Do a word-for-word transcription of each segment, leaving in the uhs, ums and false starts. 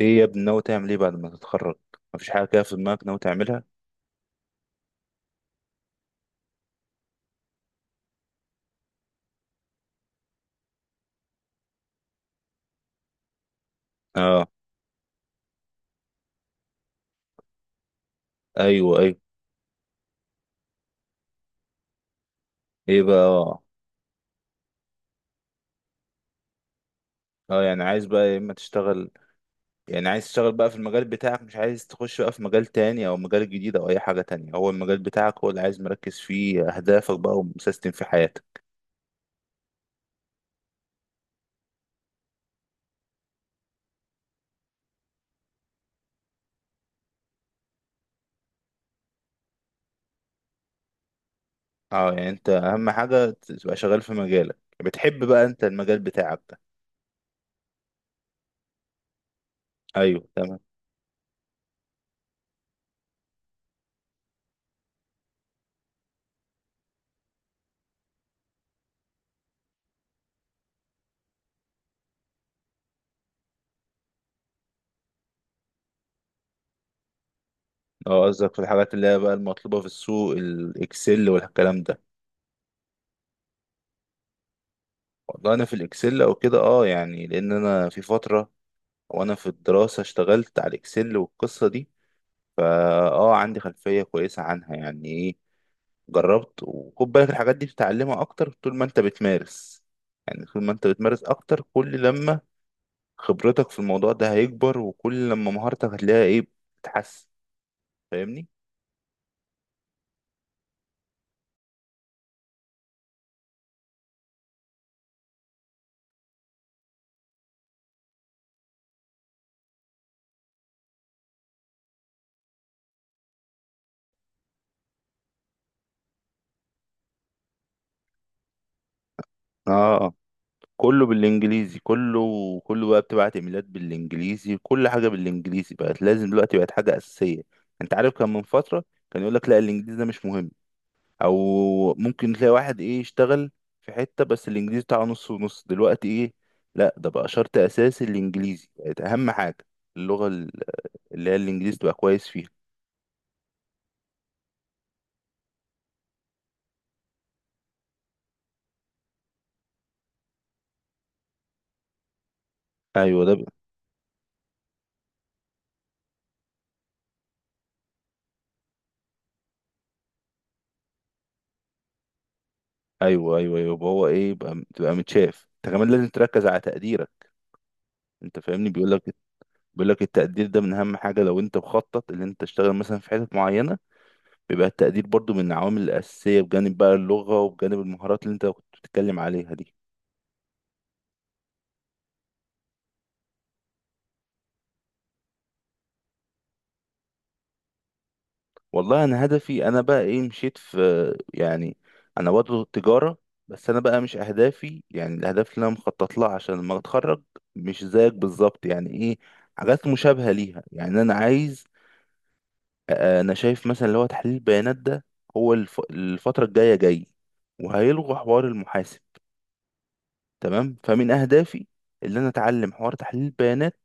ايه يا ابني، ناوي تعمل ايه بعد ما تتخرج؟ مفيش حاجه كده في دماغك ناوي تعملها؟ اه. ايوه ايوه. ايه بقى؟ اه. اه يعني عايز بقى يا اما تشتغل، يعني عايز تشتغل بقى في المجال بتاعك، مش عايز تخش بقى في مجال تاني او مجال جديد او اي حاجه تانية، هو المجال بتاعك هو اللي عايز مركز فيه اهدافك بقى ومسيستم في حياتك. اه يعني انت اهم حاجه تبقى شغال في مجالك، بتحب بقى انت المجال بتاعك ده؟ ايوه تمام. اه قصدك في الحاجات اللي هي بقى المطلوبه في السوق، الاكسل والكلام ده؟ والله انا في الاكسل او كده اه، يعني لان انا في فتره وانا في الدراسه اشتغلت على الاكسل والقصه دي. فا اه، عندي خلفيه كويسه عنها. يعني ايه؟ جربت وخد بالك الحاجات دي بتتعلمها اكتر طول ما انت بتمارس. يعني طول ما انت بتمارس اكتر، كل لما خبرتك في الموضوع ده هيكبر، وكل لما مهارتك هتلاقيها ايه، بتتحسن. فاهمني؟ اه. كله بالانجليزي كله. كله بقى بتبعت ايميلات بالانجليزي، كل حاجه بالانجليزي بقت لازم دلوقتي، بقت حاجه اساسيه. انت عارف كان من فتره كان يقول لك لا الانجليزي ده مش مهم، او ممكن تلاقي واحد ايه يشتغل في حته بس الانجليزي بتاعه نص ونص. دلوقتي ايه، لا ده بقى شرط اساسي، الانجليزي بقت اهم حاجه، اللغه ال- اللي هي الانجليزي تبقى كويس فيها. ايوه ده بقى. ايوه ايوه ايوه، يبقى هو ايه، يبقى تبقى متشاف انت كمان، لازم تركز على تقديرك. انت فاهمني، بيقول لك، بيقول لك التقدير ده من اهم حاجه، لو انت مخطط ان انت تشتغل مثلا في حتت معينه، بيبقى التقدير برضو من العوامل الاساسيه بجانب بقى اللغه وبجانب المهارات اللي انت كنت بتتكلم عليها دي. والله انا هدفي انا بقى ايه، مشيت في، يعني انا برضه تجاره، بس انا بقى مش اهدافي، يعني الاهداف اللي انا مخطط لها عشان لما اتخرج مش زيك بالظبط، يعني ايه، حاجات مشابهه ليها. يعني انا عايز آه، انا شايف مثلا اللي هو تحليل البيانات ده، هو الف- الفتره الجايه جاي وهيلغوا حوار المحاسب، تمام؟ فمن اهدافي اللي انا اتعلم حوار تحليل البيانات.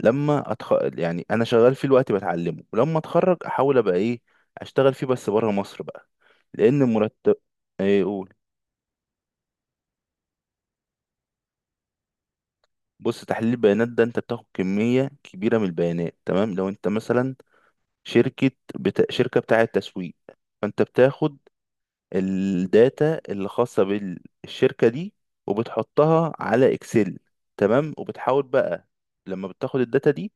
لما أتخ... يعني انا شغال فيه الوقت بتعلمه، ولما اتخرج احاول ابقى ايه، اشتغل فيه بس بره مصر بقى، لان مرتب. ايه، قول. بص، تحليل البيانات ده انت بتاخد كمية كبيرة من البيانات، تمام؟ لو انت مثلا شركة بت... شركة بتاعة تسويق، فانت بتاخد الداتا اللي خاصة بالشركة دي وبتحطها على اكسل، تمام؟ وبتحاول بقى لما بتاخد الداتا دي،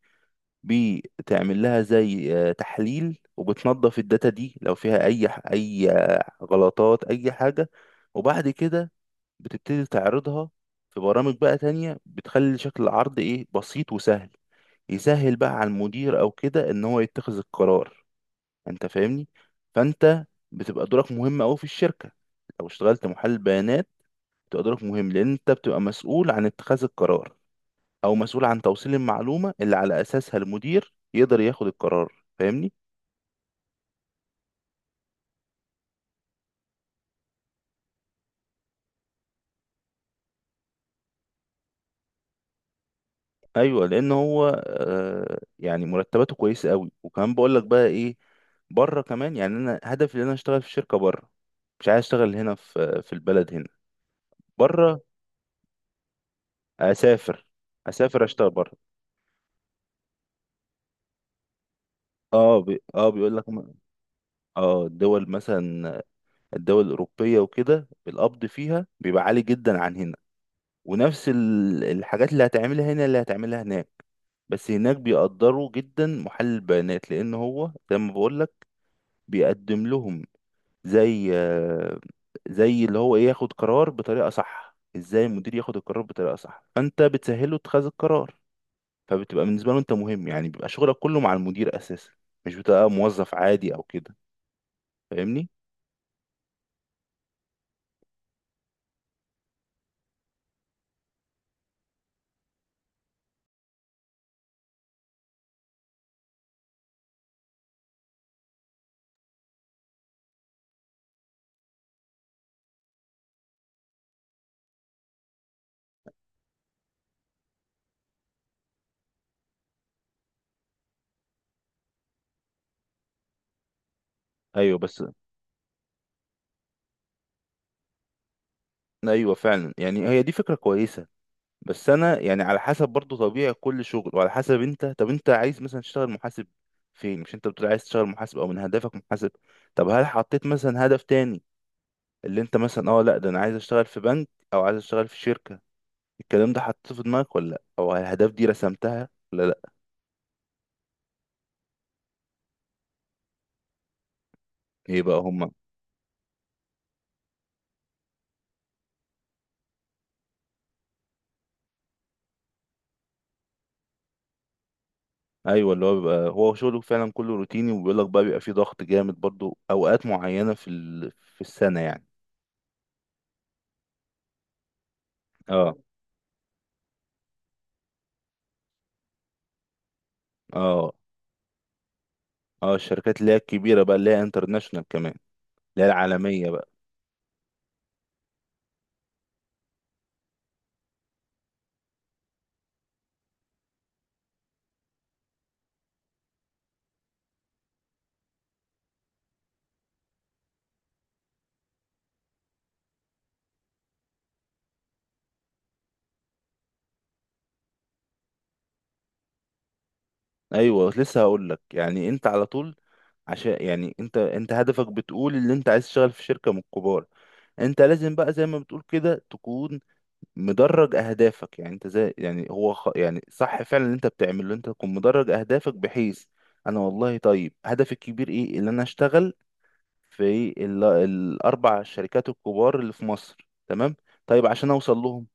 بتعمل لها زي آه، تحليل، وبتنظف الداتا دي لو فيها اي ح- اي آه، غلطات اي حاجة. وبعد كده بتبتدي تعرضها في برامج بقى تانية، بتخلي شكل العرض ايه، بسيط وسهل، يسهل بقى على المدير او كده ان هو يتخذ القرار. انت فاهمني؟ فانت بتبقى دورك مهم قوي في الشركة، لو اشتغلت محلل بيانات بتبقى دورك مهم، لان انت بتبقى مسؤول عن اتخاذ القرار، او مسؤول عن توصيل المعلومه اللي على اساسها المدير يقدر ياخد القرار. فاهمني؟ ايوه، لان هو آه يعني مرتباته كويسه قوي، وكمان بقول لك بقى ايه، بره كمان، يعني انا هدفي ان انا اشتغل في شركه بره، مش عايز اشتغل هنا في في البلد هنا. بره، اسافر. اسافر اشتغل بره. اه بي... اه بيقول لك م- اه الدول مثلا، الدول الاوروبيه وكده، القبض فيها بيبقى عالي جدا عن هنا، ونفس ال- الحاجات اللي هتعملها هنا اللي هتعملها هناك، بس هناك بيقدروا جدا محلل البيانات، لان هو زي ما بقول لك بيقدم لهم زي آه، زي اللي هو ايه، ياخد قرار بطريقه صح، ازاي المدير ياخد القرار بطريقه صح، فانت بتسهله اتخاذ القرار، فبتبقى بالنسبه له انت مهم، يعني بيبقى شغلك كله مع المدير اساسا، مش بتبقى موظف عادي او كده. فاهمني؟ ايوه بس. ايوه فعلا، يعني هي دي فكره كويسه، بس انا يعني على حسب برضو طبيعة كل شغل، وعلى حسب انت، طب انت عايز مثلا تشتغل محاسب فين؟ مش انت بتقول عايز تشتغل محاسب، او من هدفك محاسب؟ طب هل حطيت مثلا هدف تاني، اللي انت مثلا اه لا ده انا عايز اشتغل في بنك، او عايز اشتغل في شركة، الكلام ده حطيته في دماغك ولا لا، او الاهداف دي رسمتها ولا لا؟ ايه بقى هما؟ ايوه، اللي هو بيبقى هو شغله فعلا كله روتيني، وبيقول لك بقى بيبقى فيه ضغط جامد برضو اوقات معينة في ال... في السنة يعني. اه. اه. اه الشركات اللي هي الكبيرة بقى، اللي هي انترناشونال كمان، اللي هي العالمية. ايوه لسه هقول لك، يعني انت على طول، عشان يعني انت انت هدفك بتقول ان انت عايز تشتغل في شركه من الكبار، انت لازم بقى زي ما بتقول كده تكون مدرج اهدافك، يعني انت زي يعني هو خ... يعني صح فعلا اللي انت بتعمله، اللي انت تكون مدرج اهدافك بحيث، انا والله طيب هدفي الكبير ايه، اللي انا اشتغل في ال... الاربع شركات الكبار اللي في مصر، تمام؟ طيب عشان اوصل لهم،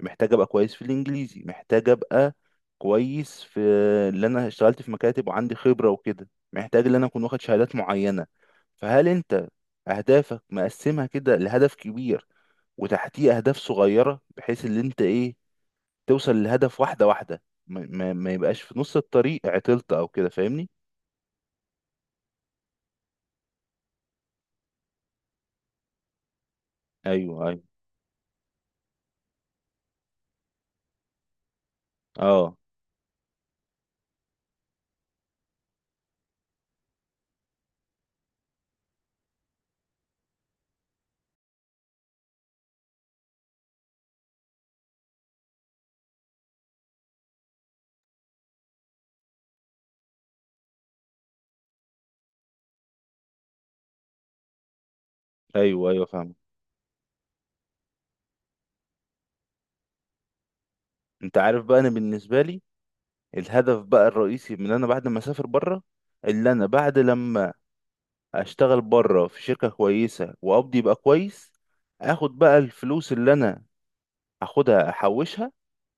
محتاج ابقى كويس في الانجليزي، محتاج ابقى كويس في اللي انا اشتغلت في مكاتب وعندي خبرة وكده، محتاج ان انا اكون واخد شهادات معينة. فهل انت اهدافك مقسمها كده لهدف كبير، وتحتيه اهداف صغيرة، بحيث ان انت ايه توصل للهدف واحدة واحدة، ما, ما, ما يبقاش في نص الطريق عطلت او كده؟ فاهمني؟ ايوه ايوه. اه. ايوه ايوه فاهم. انت عارف بقى انا بالنسبة لي الهدف بقى الرئيسي، من انا بعد ما اسافر بره، اللي انا بعد لما اشتغل بره في شركة كويسة وقبضي يبقى كويس، اخد بقى الفلوس اللي انا هاخدها احوشها،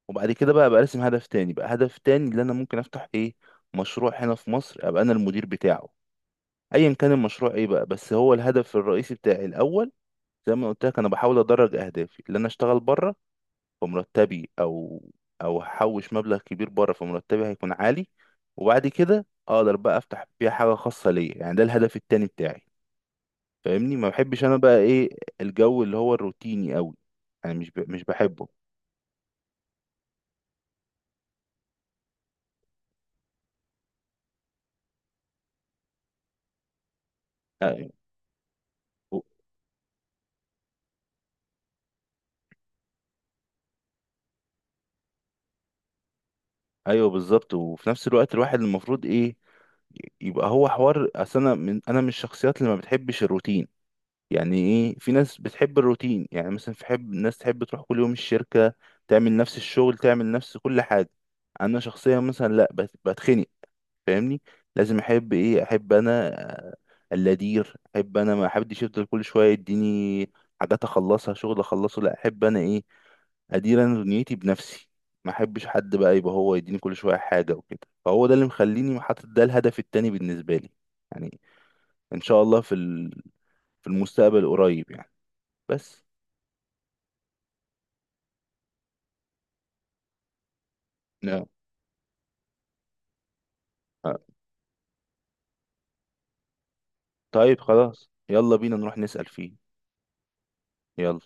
وبعد كده بقى ابقى ارسم هدف تاني بقى، هدف تاني اللي انا ممكن افتح ايه، مشروع هنا في مصر ابقى انا المدير بتاعه، ايا كان المشروع ايه بقى، بس هو الهدف الرئيسي بتاعي الاول، زي ما قلت لك انا بحاول ادرج اهدافي، اللي انا اشتغل بره فمرتبي او او احوش مبلغ كبير بره، فمرتبي هيكون عالي، وبعد كده اقدر بقى افتح بيها حاجة خاصة ليا، يعني ده الهدف التاني بتاعي. فاهمني؟ ما بحبش انا بقى ايه، الجو اللي هو الروتيني قوي انا مش ب... مش بحبه. أيوة. و- ايوه بالظبط، وفي نفس الوقت الواحد المفروض ايه، يبقى هو حوار، اصل انا من، انا من الشخصيات اللي ما بتحبش الروتين. يعني ايه، في ناس بتحب الروتين، يعني مثلا في حب ناس تحب تروح كل يوم الشركة، تعمل نفس الشغل، تعمل نفس كل حاجة. انا شخصيا مثلا لا، بت- بتخنق. فاهمني؟ لازم احب ايه، احب انا آه، اللدير، احب انا ما احبش يفضل كل شويه يديني حاجات اخلصها، شغل اخلصه، لا احب انا ايه، ادير انا دنيتي بنفسي، ما احبش حد بقى يبقى هو يديني كل شويه حاجه وكده، فهو ده اللي مخليني حاطط ده الهدف التاني بالنسبه لي يعني، ان شاء الله في ال- في المستقبل قريب يعني، بس. نعم. آه، طيب خلاص، يلا بينا نروح نسأل فيه. يلا.